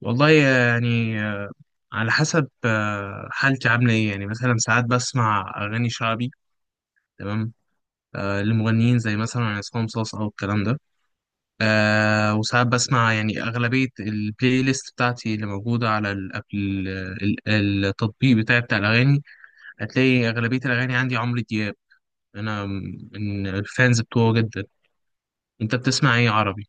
والله يعني على حسب حالتي عاملة ايه، يعني مثلا ساعات بسمع أغاني شعبي. تمام. لمغنيين زي مثلا عصام صاصا أو الكلام ده. وساعات بسمع يعني أغلبية البلاي ليست بتاعتي اللي موجودة على ال ال ال التطبيق بتاعي بتاع الأغاني. هتلاقي أغلبية الأغاني عندي عمرو دياب. أنا من الفانز بتوعه جدا. أنت بتسمع ايه عربي؟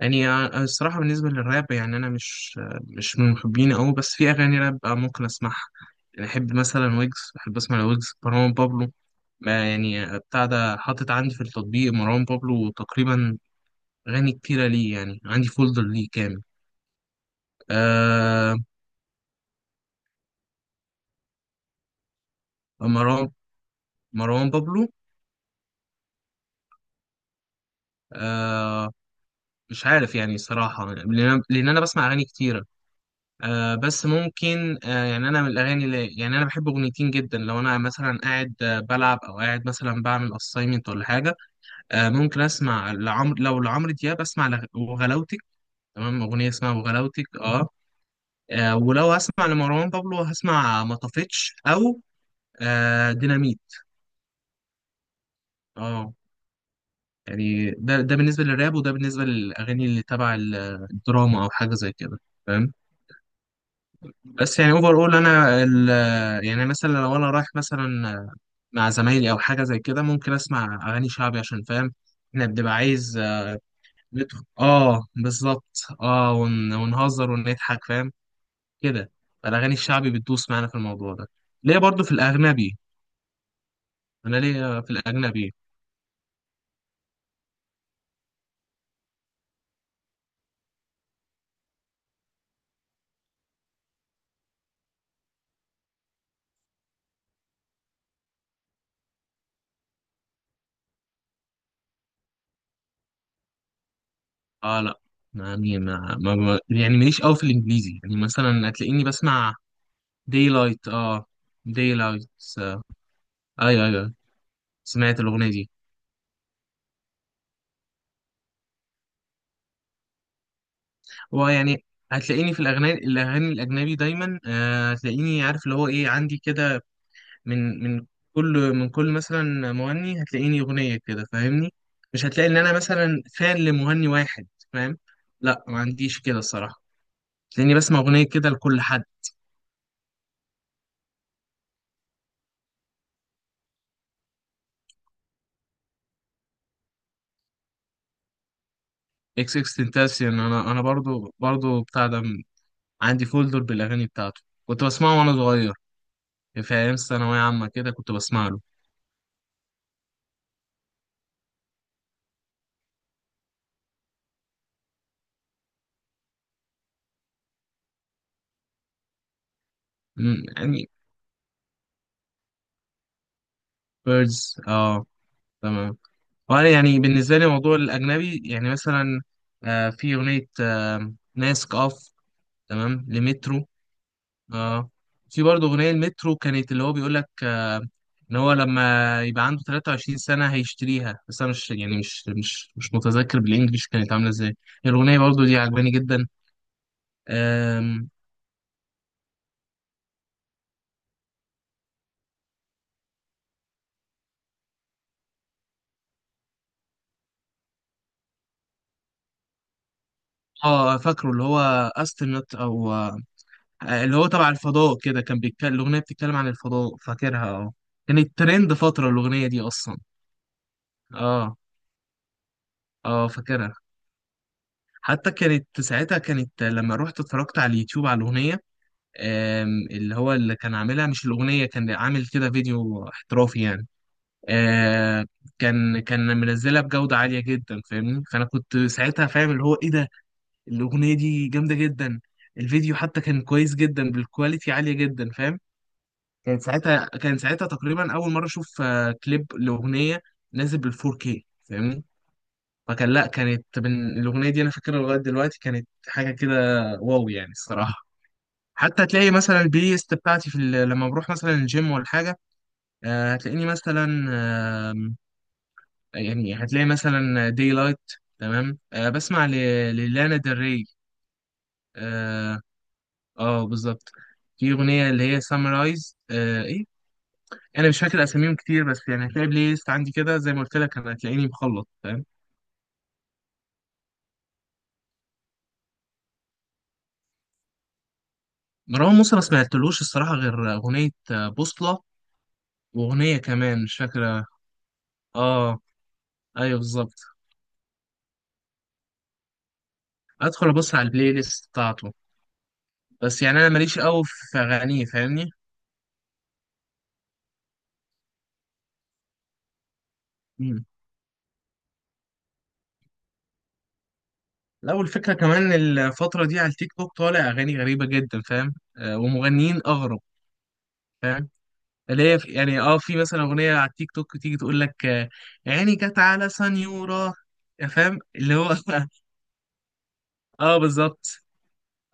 يعني أنا الصراحة بالنسبة للراب، يعني أنا مش من محبينه أوي، بس في أغاني راب ممكن أسمعها. يعني أحب مثلا ويجز، بحب أسمع لويجز، مروان بابلو. ما يعني بتاع ده حاطط عندي في التطبيق مروان بابلو تقريبا، أغاني كتيرة ليه، يعني عندي فولدر ليه كامل. آه مروان مروان بابلو. آه مش عارف يعني، صراحة، لأن أنا بسمع أغاني كتيرة. بس ممكن، يعني انا من الاغاني اللي، يعني انا بحب اغنيتين جدا لو انا مثلا قاعد بلعب او قاعد مثلا بعمل اساينمنت ولا حاجه. ممكن اسمع لعمرو، لو لعمرو دياب اسمع وغلاوتك. تمام، اغنيه اسمها وغلاوتك. اه, ولو اسمع لمروان بابلو هسمع ما طفتش، او ديناميت. اه، يعني ده بالنسبه للراب، وده بالنسبه للاغاني اللي تبع الدراما او حاجه زي كده، فاهم؟ بس يعني اوفر اول انا يعني مثلا لو انا رايح مثلا مع زمايلي او حاجه زي كده، ممكن اسمع اغاني شعبي عشان فاهم، احنا بنبقى عايز ندخل، اه، بالظبط، اه، ونهزر ونضحك، فاهم؟ كده، فالاغاني الشعبي بتدوس معانا في الموضوع ده. ليه برضو في الاجنبي. انا ليه في الاجنبي. اه، لا، يعني ما... ما... ما... يعني ماليش قوي في الانجليزي، يعني مثلا هتلاقيني بسمع. داي لايت، اه، داي لايت. ايوه، ايوه. سمعت الاغنيه دي. هو يعني هتلاقيني في الأغاني الأجنبي دايما، هتلاقيني عارف اللي هو إيه، عندي كده. من كل مثلا مغني هتلاقيني أغنية كده، فاهمني؟ مش هتلاقي إن أنا مثلا فان لمغني واحد، فاهم؟ لا، ما عنديش كده الصراحة. هتلاقيني بسمع أغنية كده لكل حد. إكس إكس تنتاسيون، أنا برضو بتاع ده. عندي فولدر بالأغاني بتاعته، كنت بسمعه وأنا صغير. في أيام ثانوية عامة كده كنت بسمع له. مم، يعني. بيردز، آه. تمام. وانا يعني بالنسبه لي موضوع الاجنبي، يعني مثلا في اغنيه ناسك اوف، تمام، لمترو. اه، في برضه اغنيه المترو كانت، اللي هو بيقول لك، ان هو لما يبقى عنده 23 سنه هيشتريها، بس انا مش، يعني مش متذكر بالانجلش كانت عامله ازاي. الاغنيه برضه دي عجباني جدا. آم، اه، فاكره اللي هو استرنت، او. اللي هو تبع الفضاء كده، كان بيتكلم، الاغنيه بتتكلم عن الفضاء، فاكرها اه. كانت ترند فتره الاغنيه دي اصلا. اه، اه، فاكرها. حتى ساعتها كانت لما رحت اتفرجت على اليوتيوب على الأغنية. اللي هو اللي كان عاملها، مش الأغنية، كان عامل كده فيديو احترافي يعني. آه، كان منزلها بجودة عالية جدا، فاهمني؟ فأنا كنت ساعتها فاهم اللي هو إيه ده. الأغنية دي جامدة جدا. الفيديو حتى كان كويس جدا بالكواليتي عالية جدا، فاهم؟ كان ساعتها تقريبا أول مرة أشوف كليب لأغنية نازل بال 4K، فاهمني؟ لا، كانت من الأغنية دي أنا فاكرها لغاية دلوقتي، كانت حاجة كده. واو، يعني الصراحة. حتى تلاقي مثلا البلاي ليست بتاعتي في لما بروح مثلا الجيم ولا حاجة، هتلاقيني مثلا، آم، يعني هتلاقي مثلا داي لايت، تمام، بسمع للانا ديل ري. اه، بالظبط. في أغنية اللي هي سامرايز، إيه. أنا مش فاكر أساميهم كتير، بس يعني هتلاقي بلاي ليست عندي كده زي ما قلت لك، أنا هتلاقيني مخلط، فاهم؟ مروان موسى ما سمعتلوش الصراحة غير أغنية بوصلة، وأغنية كمان مش فاكرة. اه، أيوه بالظبط. أدخل أبص على البلاي ليست بتاعته، بس يعني أنا ماليش قوي في أغانيه، فاهمني؟ مم. لا، والفكرة كمان الفترة دي على التيك توك طالع أغاني غريبة جدا، فاهم؟ ومغنيين أغرب، فاهم؟ اللي هي يعني اه، في مثلا أغنية على التيك توك تيجي تقول لك، عيني جت على سنيورة، فاهم؟ اللي هو اه بالظبط.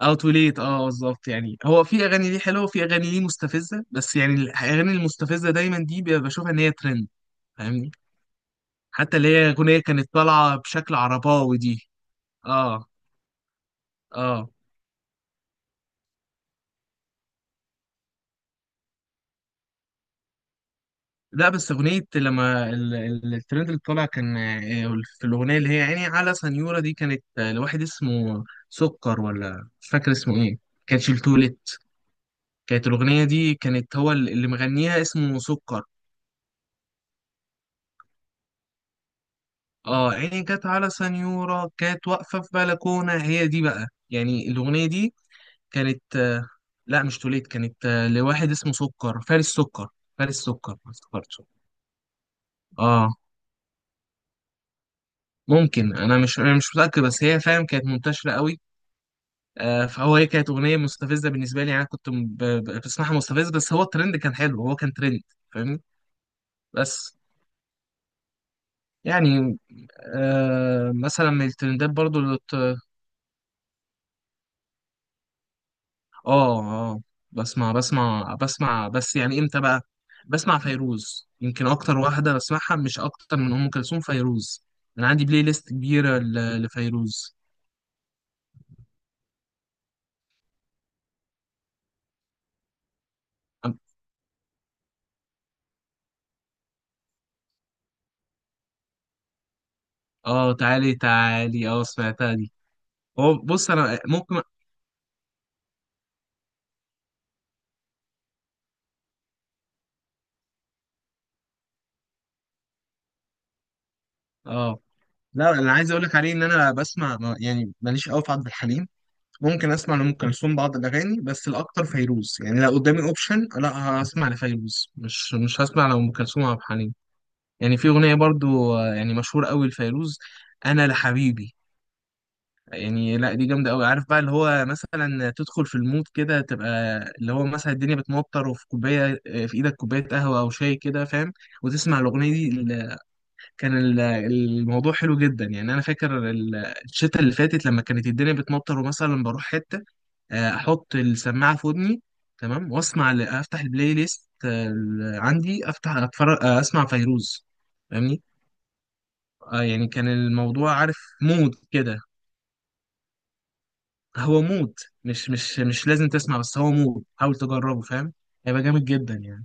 او توليت، اه بالظبط. يعني هو في اغاني ليه حلوه وفي اغاني ليه مستفزه، بس يعني الاغاني المستفزه دايما دي بشوفها ان هي ترند، فاهمني؟ حتى اللي هي أغنية كانت طالعة بشكل عرباوي دي. اه، اه. لا بس أغنية لما الترند اللي طالع كان، في الأغنية اللي هي عيني على سنيورة دي، كانت لواحد اسمه سكر، ولا مش فاكر اسمه ايه. كانت التوليت، كانت الأغنية دي، كانت هو اللي مغنيها اسمه سكر. اه، عيني كانت على سنيورة، كانت واقفة في بلكونة، هي دي بقى يعني الأغنية دي، كانت لا مش توليت، كانت لواحد اسمه سكر، فارس سكر. فارس سكر، ما افتكرتش. اه، ممكن، انا مش متاكد، بس هي، فاهم، كانت منتشره قوي. هي كانت اغنيه مستفزه بالنسبه لي، يعني انا كنت بسمعها مستفز، بس هو الترند كان حلو، هو كان ترند، فاهمني؟ بس يعني، مثلا من الترندات برضو. اه، اه، بسمع بسمع بسمع، بس يعني امتى بقى. بسمع فيروز، يمكن اكتر واحده بسمعها، مش اكتر من ام كلثوم، فيروز. انا عندي بلاي ليست كبيره لفيروز. اه، تعالي تعالي، اه، سمعتها دي. هو بص، انا ممكن. اه، لا، انا عايز اقول لك عليه ان انا بسمع يعني ماليش قوي في عبد الحليم. ممكن اسمع لام كلثوم بعض الاغاني، بس الاكتر فيروز، يعني لو قدامي اوبشن، لا، هسمع لفيروز، مش هسمع لام كلثوم وعبد الحليم. يعني في اغنيه برضو، يعني مشهوره قوي لفيروز، انا لحبيبي. يعني لا، دي جامده قوي. عارف بقى اللي هو مثلا تدخل في المود كده، تبقى اللي هو مثلا الدنيا بتمطر وفي كوبايه، في ايدك كوبايه قهوه او شاي كده، فاهم؟ وتسمع الاغنيه دي. كان الموضوع حلو جدا، يعني انا فاكر الشتا اللي فاتت لما كانت الدنيا بتمطر ومثلا بروح حته، احط السماعه في ودني، تمام، واسمع افتح البلاي ليست، عندي، افتح، اتفرج، اسمع فيروز، فاهمني؟ اه، يعني كان الموضوع، عارف، مود كده. هو مود، مش لازم تسمع، بس هو مود، حاول تجربه، فاهم؟ هيبقى جامد جدا يعني.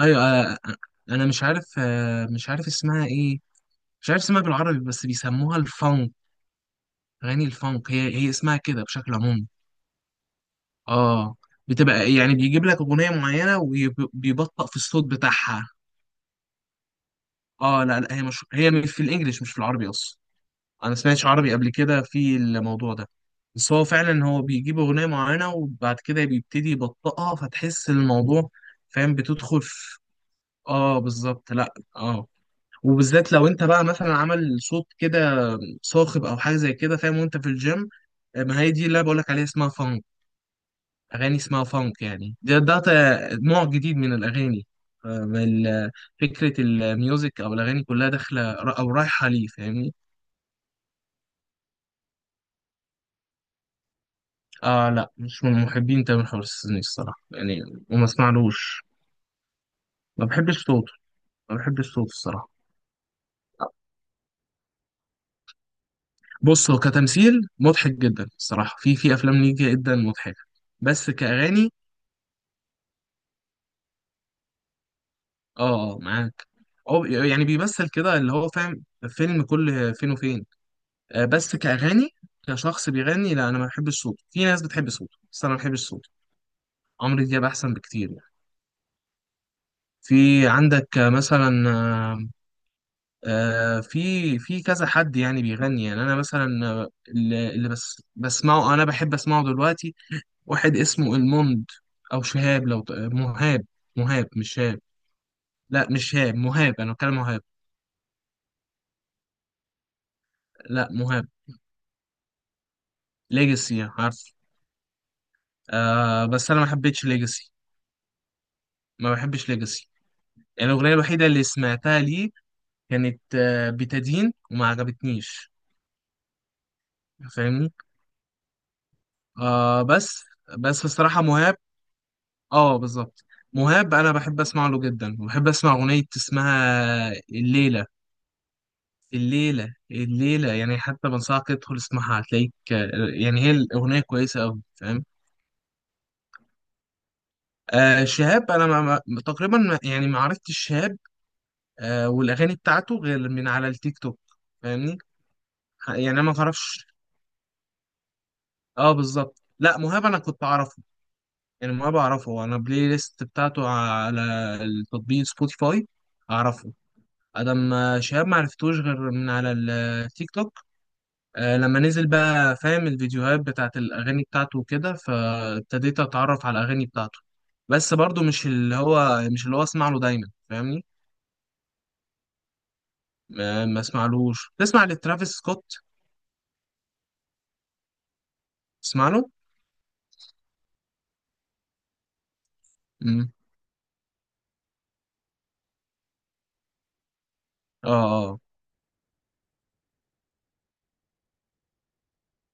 ايوه، انا مش عارف اسمها ايه. مش عارف اسمها بالعربي، بس بيسموها الفانك، اغاني الفانك، هي اسمها كده بشكل عمومي. اه، بتبقى يعني بيجيب لك اغنيه معينه وبيبطأ في الصوت بتاعها. اه، لا لا، هي مش، هي في الانجليش، مش في العربي اصلا. انا سمعتش عربي قبل كده في الموضوع ده، بس هو فعلا هو بيجيب اغنيه معينه وبعد كده بيبتدي يبطئها، فتحس الموضوع، فاهم؟ بتدخل في، اه بالظبط، لا اه، وبالذات لو انت بقى مثلا عمل صوت كده صاخب او حاجه زي كده، فاهم، وانت في الجيم. ما هي دي اللي أنا بقولك عليها، اسمها فانك، اغاني اسمها فانك. يعني ده نوع جديد من الاغاني، من فكره الميوزك، او الاغاني كلها داخله او رايحه ليه، فاهمني؟ لا، مش من محبين تامر حسني الصراحة يعني، وما اسمعلوش. ما بحبش صوته، ما بحبش صوته الصراحة. بص هو كتمثيل مضحك جدا الصراحة، في أفلام ليه جدا مضحكة، بس كأغاني، معاك. أو يعني بيمثل كده، اللي هو فاهم فيلم كل فين وفين، بس كأغاني، كشخص بيغني، لا أنا ما بحبش صوته، في ناس بتحب صوته، بس أنا ما بحبش صوته. عمرو دياب أحسن بكتير يعني. في عندك مثلا، في كذا حد يعني بيغني، يعني انا مثلا اللي بس بسمعه انا بحب اسمعه دلوقتي، واحد اسمه الموند، او شهاب، لو مهاب. مهاب، مش شهاب. لا مش شهاب، مهاب، انا بتكلم مهاب. لا مهاب. ليجاسي عارف، بس انا ما حبيتش ليجاسي، ما بحبش ليجاسي. يعني الاغنيه الوحيده اللي سمعتها ليه كانت بتدين، وما عجبتنيش، فاهمني؟ بس، بس الصراحه مهاب، اه بالظبط. مهاب انا بحب اسمع له جدا، وبحب اسمع اغنيه اسمها الليله. الليله يعني، حتى بنصحك تدخل اسمعها، هتلاقيك، يعني هي الاغنيه كويسه قوي، فاهم؟ شهاب انا تقريبا يعني ما عرفتش شهاب والاغاني بتاعته غير من على التيك توك، فاهمني؟ يعني انا ما اعرفش. اه بالظبط، لا، مهاب انا كنت اعرفه، يعني مهاب اعرفه، انا بلاي ليست بتاعته على التطبيق سبوتيفاي، اعرفه. أنا ما، شهاب معرفتوش غير من على التيك توك، لما نزل بقى فاهم الفيديوهات بتاعت الأغاني بتاعته وكده، فابتديت أتعرف على الأغاني بتاعته، بس برضو مش اللي هو أسمع له دايما، فاهمني؟ ما أسمعلوش. تسمع لترافيس سكوت؟ تسمع له؟ مم. آه. آه.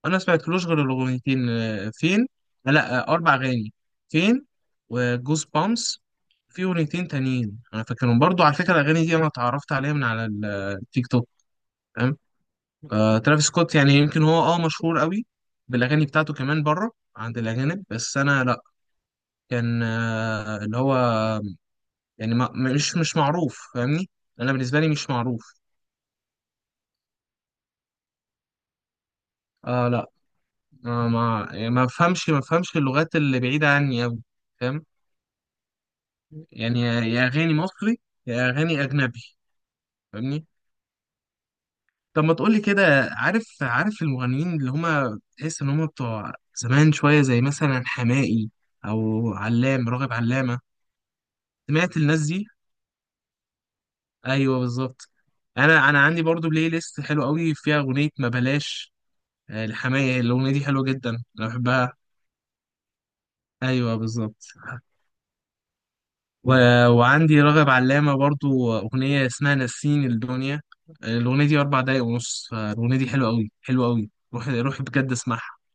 أنا ما سمعتلوش غير الأغنيتين، فين؟ لا أربع أغاني، فين، وجوز بامس، في أغنيتين تانيين أنا فاكرهم. برضو على فكرة الأغاني دي أنا اتعرفت عليها من على التيك توك. ترافيس سكوت يعني، يمكن هو اه مشهور قوي بالاغاني بتاعته كمان بره عند الاجانب، بس انا لا، كان اللي هو يعني ما مش معروف، فاهمني؟ انا بالنسبه لي مش معروف. لا، ما يعني ما بفهمش ما بفهمش اللغات اللي بعيده عني قوي، فاهم؟ يعني يا اغاني مصري، يا اغاني اجنبي، فاهمني؟ طب ما تقولي كده، عارف المغنيين اللي هما تحس ان هما بتوع زمان شويه، زي مثلا حماقي، او راغب علامه. سمعت الناس دي؟ ايوه بالظبط. انا عندي برضو بلاي ليست حلو قوي، فيها اغنيه ما بلاش، لحماية، الاغنيه دي حلوه جدا، انا بحبها. ايوه بالظبط. و... وعندي رغب علامه برضو اغنيه اسمها نسيني الدنيا، الاغنيه دي 4 دقايق ونص، فالاغنيه دي حلوه قوي حلوه قوي، روح روح بجد اسمعها.